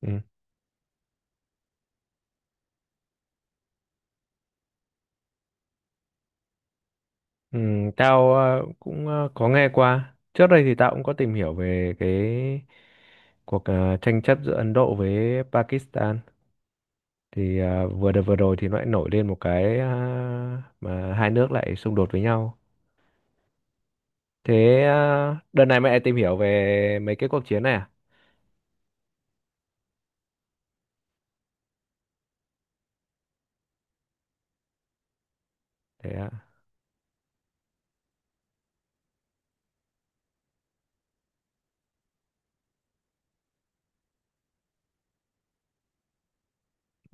Ừ. Ừ, tao cũng có nghe qua. Trước đây thì tao cũng có tìm hiểu về cái cuộc tranh chấp giữa Ấn Độ với Pakistan. Vừa đợt vừa rồi thì nó lại nổi lên một cái mà hai nước lại xung đột với nhau. Đợt này mày lại tìm hiểu về mấy cái cuộc chiến này à? Thế ạ.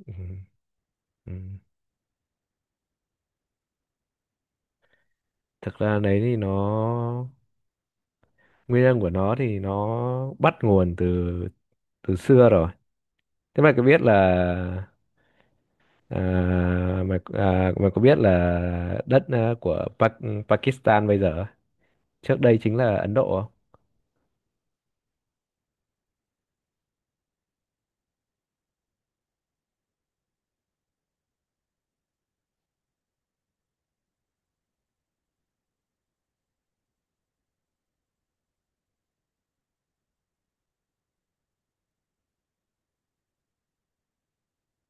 Ừ. Ừ. Thực ra đấy thì nó nguyên nhân của nó thì nó bắt nguồn từ từ xưa rồi. Thế mày có biết là à, mày có biết là đất của Pakistan bây giờ trước đây chính là Ấn Độ không?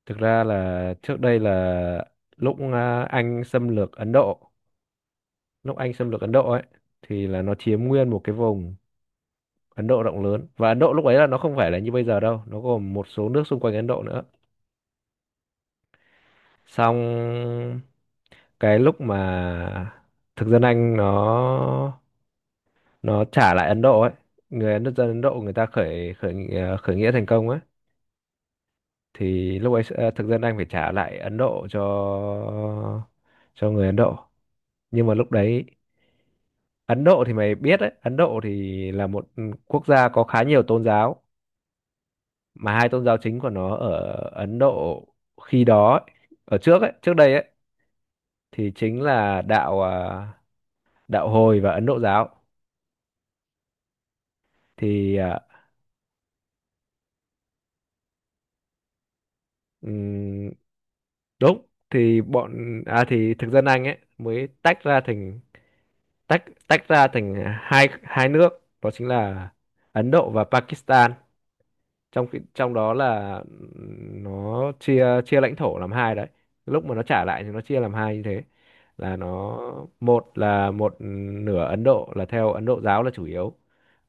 Thực ra là trước đây là lúc Anh xâm lược Ấn Độ, lúc Anh xâm lược Ấn Độ ấy thì là nó chiếm nguyên một cái vùng Ấn Độ rộng lớn, và Ấn Độ lúc ấy là nó không phải là như bây giờ đâu, nó gồm một số nước xung quanh Ấn Độ nữa. Xong cái lúc mà thực dân Anh nó trả lại Ấn Độ ấy, người Ấn dân Ấn Độ người ta khởi khởi nghị- à, khởi nghĩa thành công ấy, thì lúc ấy thực dân Anh phải trả lại Ấn Độ cho người Ấn Độ. Nhưng mà lúc đấy Ấn Độ thì mày biết đấy, Ấn Độ thì là một quốc gia có khá nhiều tôn giáo, mà hai tôn giáo chính của nó ở Ấn Độ khi đó ấy, ở trước ấy, trước đây ấy, thì chính là đạo Hồi và Ấn Độ giáo. thì à, đúng, thì bọn à thì thực dân Anh ấy mới tách ra thành tách tách ra thành hai hai nước, đó chính là Ấn Độ và Pakistan. Trong đó là nó chia chia lãnh thổ làm hai đấy, lúc mà nó trả lại thì nó chia làm hai như thế. Là nó một là một nửa Ấn Độ là theo Ấn Độ giáo là chủ yếu,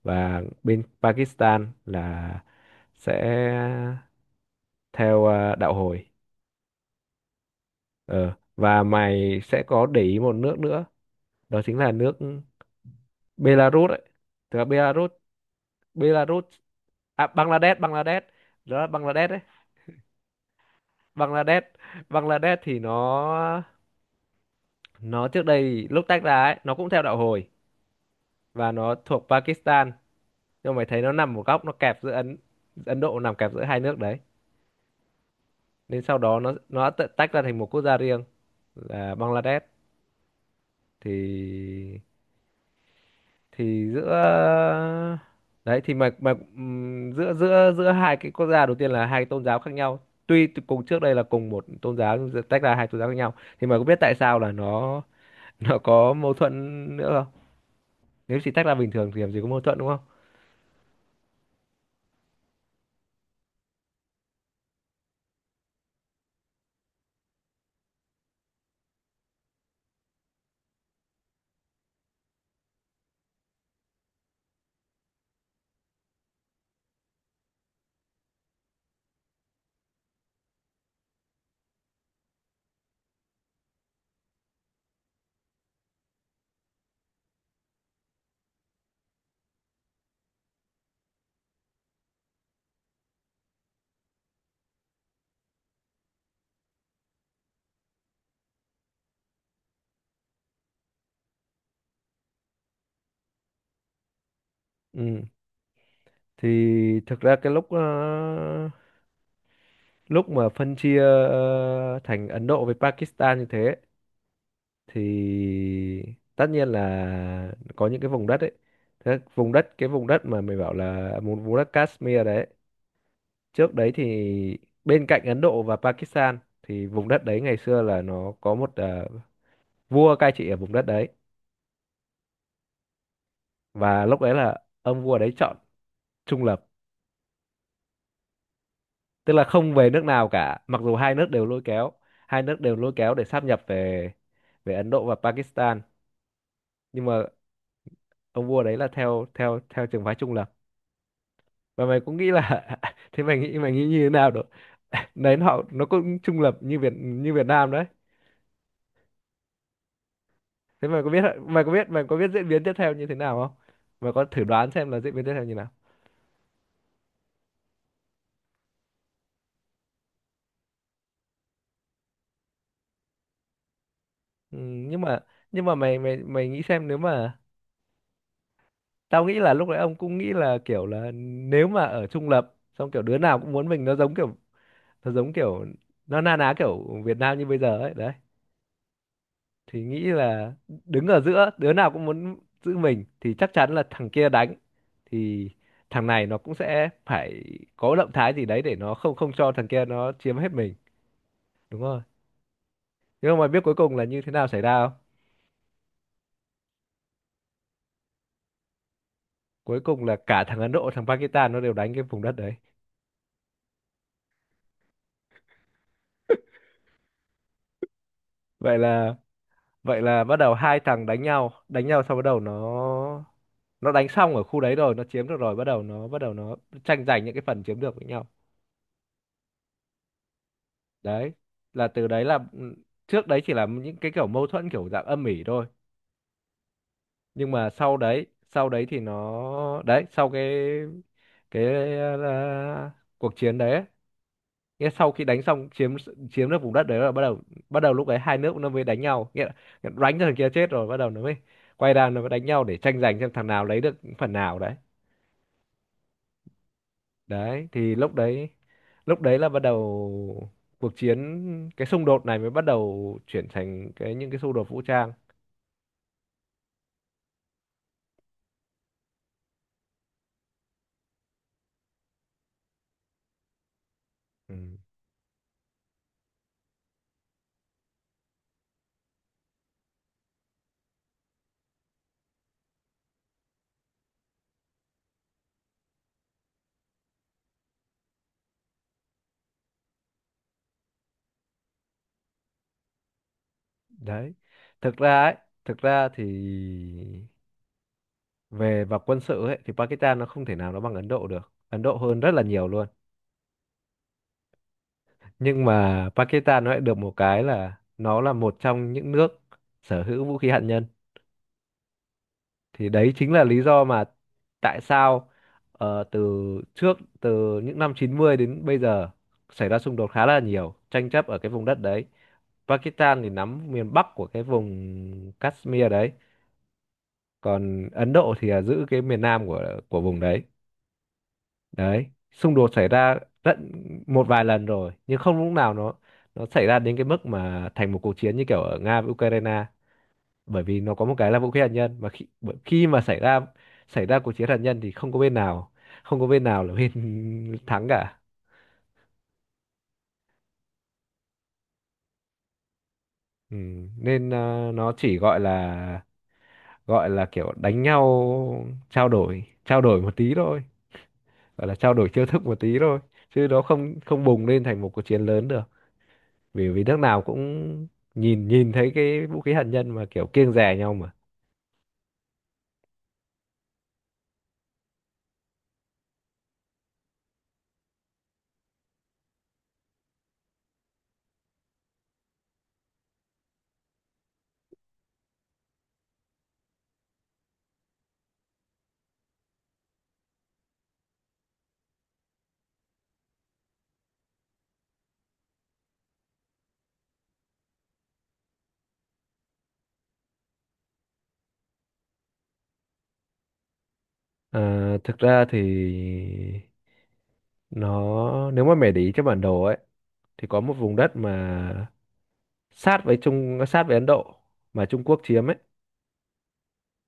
và bên Pakistan là sẽ theo đạo Hồi. Ờ, và mày sẽ có để ý một nước nữa, đó chính là nước Belarus ấy. Thực ra Belarus, Belarus, à Bangladesh, Bangladesh, đó là Bangladesh đấy. Bangladesh, Bangladesh thì nó trước đây lúc tách ra ấy, nó cũng theo đạo Hồi và nó thuộc Pakistan. Nhưng mà mày thấy nó nằm một góc, nó kẹp giữa Ấn Ấn Độ, nằm kẹp giữa hai nước đấy. Nên sau đó nó tự tách ra thành một quốc gia riêng là Bangladesh. Thì thì giữa đấy thì mà giữa giữa giữa hai cái quốc gia đầu tiên là hai tôn giáo khác nhau, cùng trước đây là cùng một tôn giáo nhưng giờ tách ra hai tôn giáo khác nhau, thì mà có biết tại sao là nó nó có mâu thuẫn nữa không? Nếu chỉ tách ra bình thường thì làm gì có mâu thuẫn đúng không? Ừ, thì thực ra cái lúc mà phân chia thành Ấn Độ với Pakistan như thế, thì tất nhiên là có những cái vùng đất ấy. Thế vùng đất, cái vùng đất mà mày bảo là vùng vùng đất Kashmir đấy, trước đấy thì bên cạnh Ấn Độ và Pakistan thì vùng đất đấy ngày xưa là nó có một vua cai trị ở vùng đất đấy. Và lúc đấy là ông vua đấy chọn trung lập, tức là không về nước nào cả, mặc dù hai nước đều lôi kéo, hai nước đều lôi kéo để sáp nhập về về Ấn Độ và Pakistan. Nhưng mà ông vua đấy là theo theo theo trường phái trung lập. Và mày cũng nghĩ là thế mày nghĩ, mày nghĩ như thế nào được. Đấy, họ nó cũng trung lập như Việt Nam đấy. Thế mày có biết, mày có biết diễn biến tiếp theo như thế nào không? Mày có thử đoán xem là diễn biến tiếp theo như nào? Ừ, nhưng mà mày mày mày nghĩ xem nếu mà tao nghĩ là lúc đấy ông cũng nghĩ là kiểu là nếu mà ở trung lập xong kiểu đứa nào cũng muốn mình, nó giống kiểu, nó giống kiểu nó na ná kiểu Việt Nam như bây giờ ấy đấy. Thì nghĩ là đứng ở giữa, đứa nào cũng muốn giữ mình, thì chắc chắn là thằng kia đánh, thì thằng này nó cũng sẽ phải có động thái gì đấy để nó không không cho thằng kia nó chiếm hết mình. Đúng rồi. Nhưng mà mày biết cuối cùng là như thế nào xảy ra không? Cuối cùng là cả thằng Ấn Độ, thằng Pakistan nó đều đánh cái vùng đất đấy. Vậy là, vậy là bắt đầu hai thằng đánh nhau, đánh nhau sau bắt đầu nó đánh xong ở khu đấy rồi nó chiếm được rồi bắt đầu nó, tranh giành những cái phần chiếm được với nhau đấy. Là từ đấy là ừ, trước đấy chỉ là những cái kiểu mâu thuẫn kiểu dạng âm ỉ thôi, nhưng mà sau đấy, thì nó đấy, sau cái cái ờ, cuộc chiến đấy ấy, nghĩa sau khi đánh xong chiếm chiếm được vùng đất đấy là bắt đầu, bắt đầu lúc ấy hai nước nó mới đánh nhau, nghĩa là đánh cho thằng kia chết rồi bắt đầu nó mới quay ra nó mới đánh nhau để tranh giành xem thằng nào lấy được phần nào đấy. Đấy thì lúc đấy, là bắt đầu cuộc chiến, cái xung đột này mới bắt đầu chuyển thành cái những cái xung đột vũ trang. Ừ, đấy, thực ra ấy, thực ra thì về mặt quân sự ấy thì Pakistan nó không thể nào nó bằng Ấn Độ được, Ấn Độ hơn rất là nhiều luôn. Nhưng mà Pakistan nó lại được một cái là nó là một trong những nước sở hữu vũ khí hạt nhân. Thì đấy chính là lý do mà tại sao từ trước từ những năm 90 đến bây giờ xảy ra xung đột khá là nhiều, tranh chấp ở cái vùng đất đấy. Pakistan thì nắm miền Bắc của cái vùng Kashmir đấy, còn Ấn Độ thì là giữ cái miền Nam của vùng đấy. Đấy, xung đột xảy ra tận một vài lần rồi nhưng không lúc nào nó xảy ra đến cái mức mà thành một cuộc chiến như kiểu ở Nga với Ukraine, bởi vì nó có một cái là vũ khí hạt nhân. Mà khi mà xảy ra, cuộc chiến hạt nhân thì không có bên nào, là bên thắng cả. Ừ. Nên nó chỉ gọi là, gọi là kiểu đánh nhau, trao đổi, một tí thôi, gọi là trao đổi chiêu thức một tí thôi, chứ nó không không bùng lên thành một cuộc chiến lớn được. Vì vì nước nào cũng nhìn, thấy cái vũ khí hạt nhân mà kiểu kiêng dè nhau mà. À, thực ra thì nó, nếu mà mày để ý trên bản đồ ấy thì có một vùng đất mà sát với sát với Ấn Độ mà Trung Quốc chiếm ấy,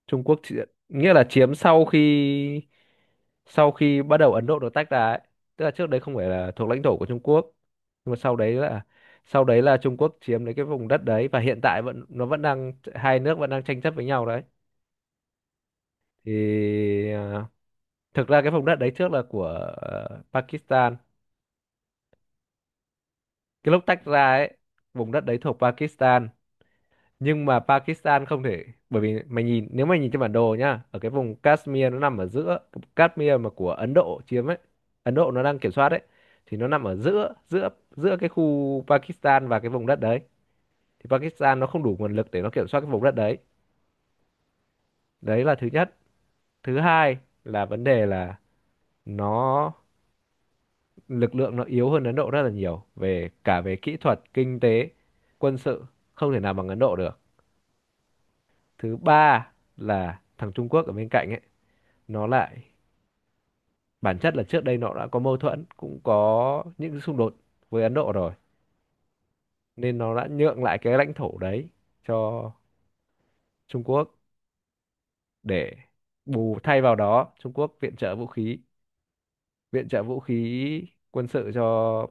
Trung Quốc chỉ, nghĩa là chiếm sau khi, bắt đầu Ấn Độ được tách ra ấy. Tức là trước đấy không phải là thuộc lãnh thổ của Trung Quốc, nhưng mà sau đấy là, Trung Quốc chiếm lấy cái vùng đất đấy, và hiện tại vẫn, nó vẫn đang, hai nước vẫn đang tranh chấp với nhau đấy. Thì à, thực ra cái vùng đất đấy trước là của Pakistan. Cái lúc tách ra ấy, vùng đất đấy thuộc Pakistan. Nhưng mà Pakistan không thể, bởi vì mày nhìn, nếu mày nhìn trên bản đồ nhá, ở cái vùng Kashmir nó nằm ở giữa, Kashmir mà của Ấn Độ chiếm ấy, Ấn Độ nó đang kiểm soát ấy, thì nó nằm ở giữa, giữa cái khu Pakistan và cái vùng đất đấy. Thì Pakistan nó không đủ nguồn lực để nó kiểm soát cái vùng đất đấy. Đấy là thứ nhất. Thứ hai là vấn đề là nó, lực lượng nó yếu hơn Ấn Độ rất là nhiều, về cả về kỹ thuật, kinh tế, quân sự, không thể nào bằng Ấn Độ được. Thứ ba là thằng Trung Quốc ở bên cạnh ấy, nó lại bản chất là trước đây nó đã có mâu thuẫn, cũng có những xung đột với Ấn Độ rồi, nên nó đã nhượng lại cái lãnh thổ đấy cho Trung Quốc, để bù thay vào đó Trung Quốc viện trợ vũ khí, viện trợ vũ khí quân sự cho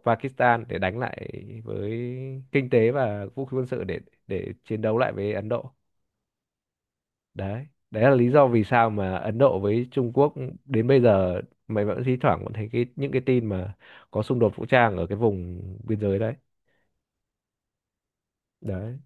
Pakistan để đánh lại với, kinh tế và vũ khí quân sự để chiến đấu lại với Ấn Độ. Đấy, đấy là lý do vì sao mà Ấn Độ với Trung Quốc đến bây giờ mày vẫn thi thoảng vẫn thấy cái những cái tin mà có xung đột vũ trang ở cái vùng biên giới đấy. Đấy.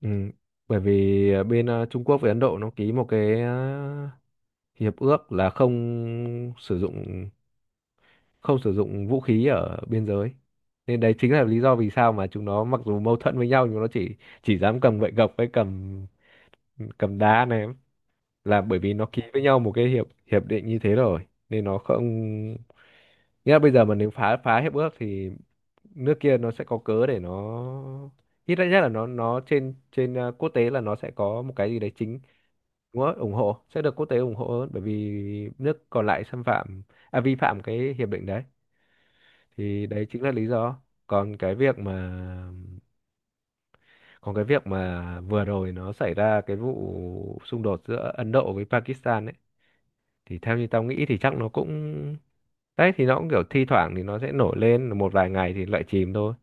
Ừ, bởi vì bên Trung Quốc với Ấn Độ nó ký một cái hiệp ước là không sử dụng, vũ khí ở biên giới. Nên đấy chính là lý do vì sao mà chúng nó mặc dù mâu thuẫn với nhau nhưng nó chỉ dám cầm gậy gộc với cầm, đá này, là bởi vì nó ký với nhau một cái hiệp hiệp định như thế rồi. Nên nó không, nghĩa là bây giờ mà nếu phá, hiệp ước thì nước kia nó sẽ có cớ để nó, ít nhất là nó trên, quốc tế là nó sẽ có một cái gì đấy chính. Đúng rồi, ủng hộ, sẽ được quốc tế ủng hộ hơn, bởi vì nước còn lại xâm phạm, à, vi phạm cái hiệp định đấy. Thì đấy chính là lý do. Còn cái việc mà, vừa rồi nó xảy ra cái vụ xung đột giữa Ấn Độ với Pakistan ấy, thì theo như tao nghĩ thì chắc nó cũng, đấy thì nó cũng kiểu thi thoảng thì nó sẽ nổi lên một vài ngày thì lại chìm thôi.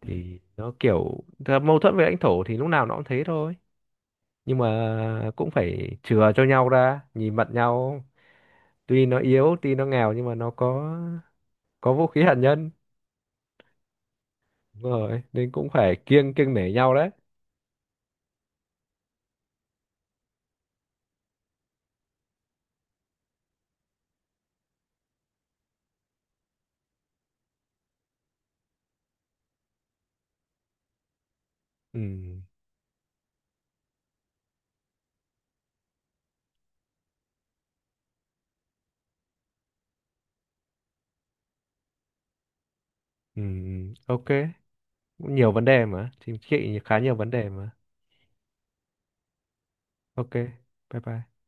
Thì nó kiểu thật, mâu thuẫn về lãnh thổ thì lúc nào nó cũng thế thôi, nhưng mà cũng phải chừa cho nhau ra nhìn mặt nhau, tuy nó yếu tuy nó nghèo nhưng mà nó có vũ khí hạt nhân. Đúng rồi, nên cũng phải kiêng, nể nhau đấy. Ừ. Ừ. OK, cũng nhiều vấn đề mà, chính trị khá nhiều vấn đề mà. OK, bye bye.